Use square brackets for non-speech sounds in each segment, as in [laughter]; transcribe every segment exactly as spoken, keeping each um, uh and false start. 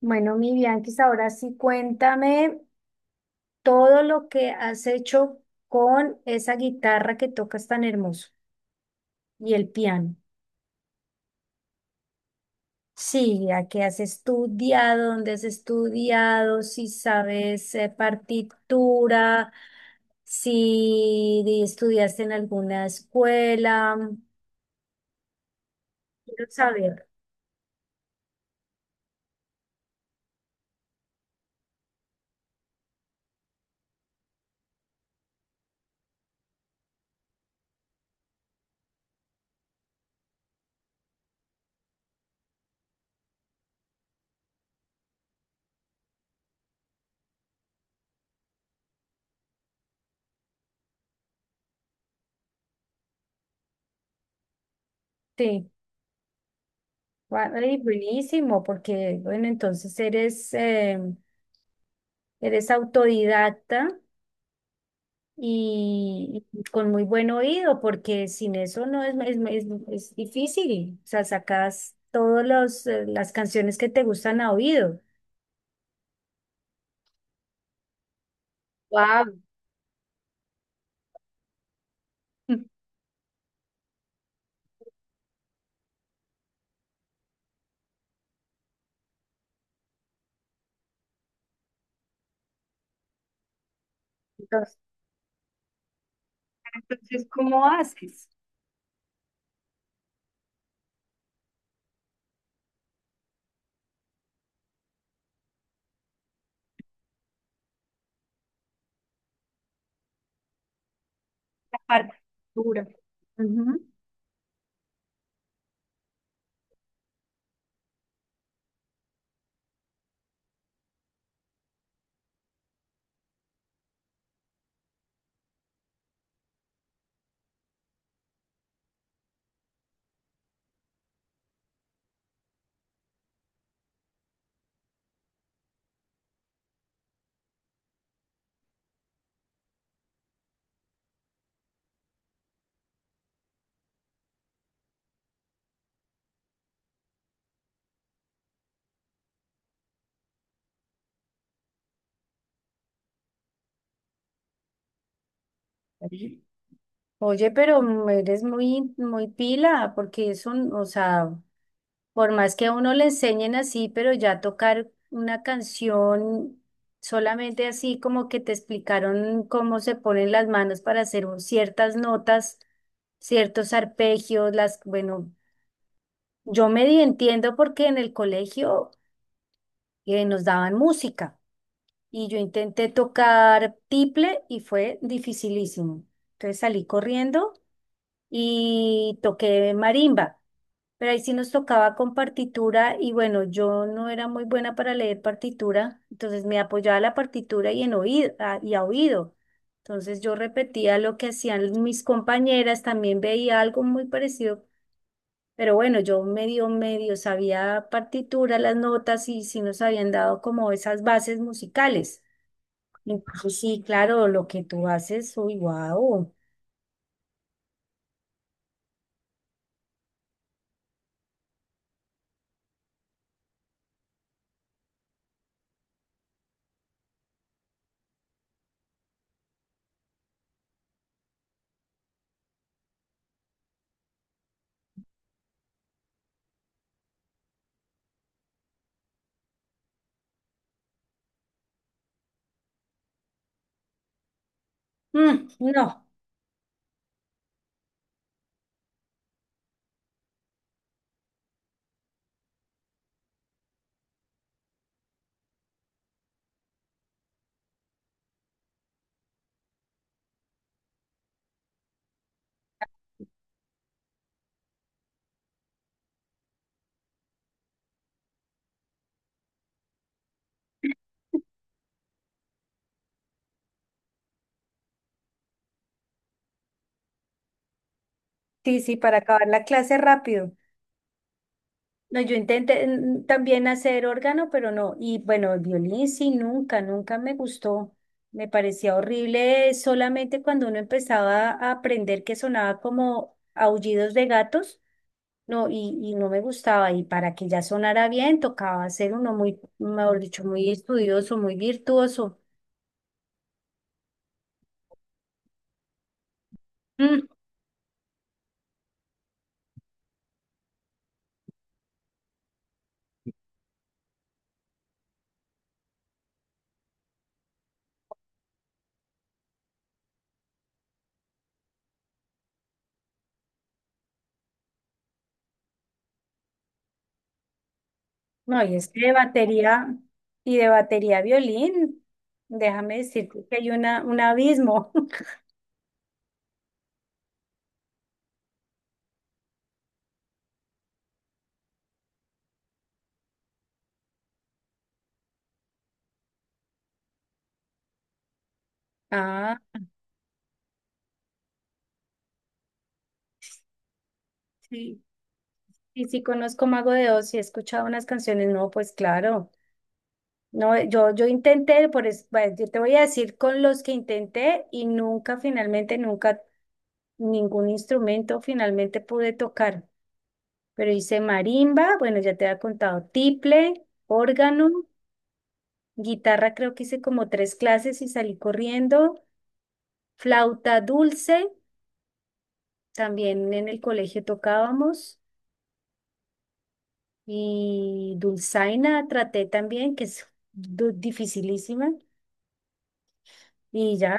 Bueno, mi Bianquis, ahora sí cuéntame todo lo que has hecho con esa guitarra que tocas tan hermoso y el piano. Sí, ¿a qué has estudiado, dónde has estudiado, si sabes eh, partitura, si di- estudiaste en alguna escuela? Quiero saber. Sí, guay, buenísimo, porque bueno, entonces eres, eh, eres autodidacta. y y con muy buen oído, porque sin eso no es, es, es- es difícil. O sea, sacas todas las canciones que te gustan a oído. Wow. Entonces, Entonces, ¿cómo haces la partitura? Ujú. Oye, pero eres muy, muy pila, porque eso, o sea, por más que a uno le enseñen así, pero ya tocar una canción solamente así, como que te explicaron cómo se ponen las manos para hacer un- ciertas notas, ciertos arpegios, las, bueno, yo me di- entiendo porque en el colegio eh, nos daban música y yo intenté tocar tiple y fue dificilísimo. Entonces salí corriendo y toqué marimba. Pero ahí sí nos tocaba con partitura y bueno, yo no era muy buena para leer partitura, entonces me apoyaba la partitura y en oído a- y a oído. Entonces yo repetía lo que hacían mis compañeras, también veía algo muy parecido, pero bueno, yo medio medio sabía partitura, las notas, y sí nos habían dado como esas bases musicales. Entonces sí, claro, lo que tú haces, uy, wow. No, sí, sí, para acabar la clase rápido. No, yo intenté mm, también hacer órgano, pero no. Y bueno, el violín sí, nunca, nunca me gustó. Me parecía horrible solamente cuando uno empezaba a aprender, que sonaba como aullidos de gatos. No, y, y no me gustaba. Y para que ya sonara bien, tocaba ser uno muy, mejor dicho, muy estudioso, muy virtuoso. Mm. No, y es que de batería y de batería a violín, déjame decirte que hay una, un abismo. [laughs] Ah. Sí, y sí conozco Mago de Oz y he escuchado unas canciones, no, pues claro. No, eh, yo, yo intenté, por es- bueno, yo te voy a decir con los que intenté y nunca, finalmente, nunca ningún instrumento finalmente pude tocar. Pero hice marimba, bueno, ya te había contado, tiple, órgano, guitarra creo que hice como tres clases y salí corriendo, flauta dulce, también en el colegio tocábamos, y dulzaina traté también, que es du- dificilísima. Y ya,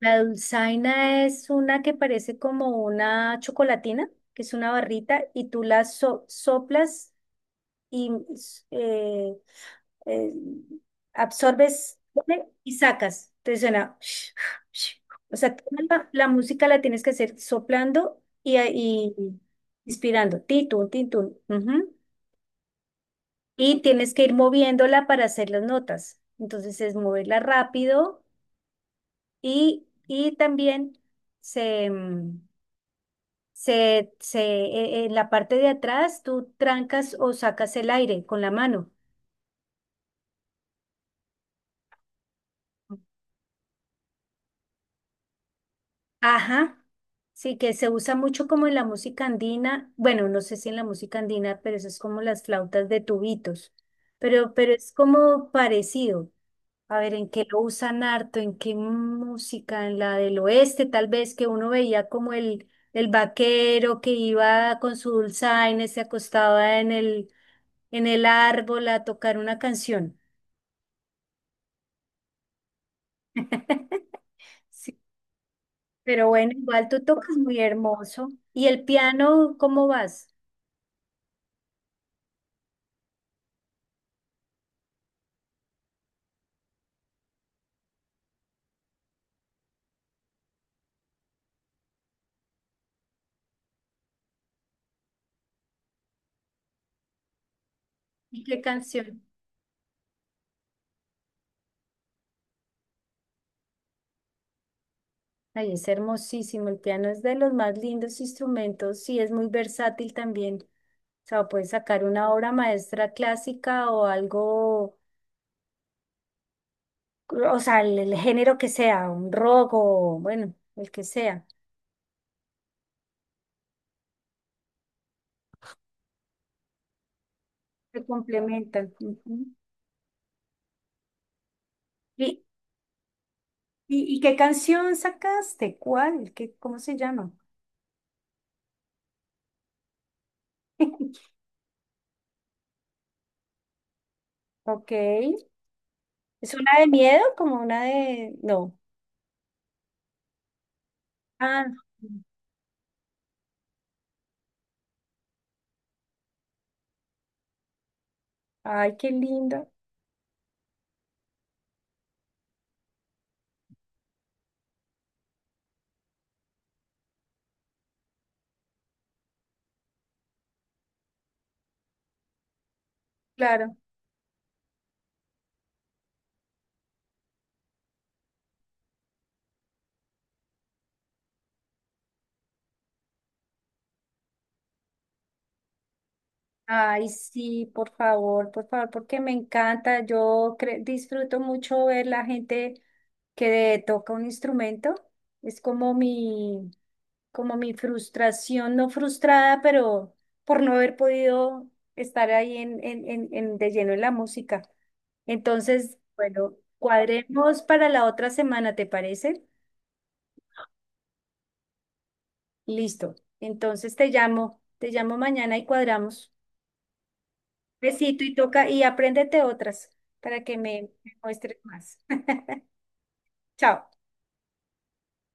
la dulzaina es una que parece como una chocolatina, que es una barrita, y tú la so- soplas y s- eh, eh, absorbes y sacas. Entonces suena. [sniffs] O sea, tú la, la música la tienes que hacer soplando y, a- y inspirando. Titun, titun. Ujú. Y tienes que ir moviéndola para hacer las notas. Entonces es moverla rápido. Y, y también se, mm, se, se, e- en la parte de atrás tú trancas o sacas el aire con la mano. Ajá. Sí, que se usa mucho como en la música andina. Bueno, no sé si en la música andina, pero eso es como las flautas de tubitos. Pero, pero es como parecido. A ver, ¿en qué lo usan harto? ¿En qué música? En la del oeste, tal vez, que uno veía como el, el vaquero que iba con su dulzaina, se acostaba en el, en el árbol a tocar una canción. Sí. Pero bueno, igual tú tocas muy hermoso. ¿Y el piano, cómo vas? ¿Y qué canción? Ay, es hermosísimo. El piano es de los más lindos instrumentos. Sí, es muy versátil también. O sea, puedes sacar una obra maestra clásica o algo, o sea, el, el género que sea, un rock o bueno, el que sea, se complementan. Ujú. ¿Y, y, y qué canción sacaste? ¿Cuál? ¿Qué, cómo se llama? [laughs] Ok. ¿Es una de miedo? Como una de... No. Ah, ay, qué lindo. Claro. Ay, sí, por favor, por favor, porque me encanta. Yo cre- disfruto mucho ver la gente que toca un instrumento. Es como mi, como mi frustración, no frustrada, pero por no haber podido estar ahí en, en, en, en- de lleno en la música. Entonces, bueno, cuadremos para la otra semana, ¿te parece? Listo. Entonces te llamo, te llamo mañana y cuadramos. Besito y toca y apréndete otras para que me me muestres más. [laughs] Chao.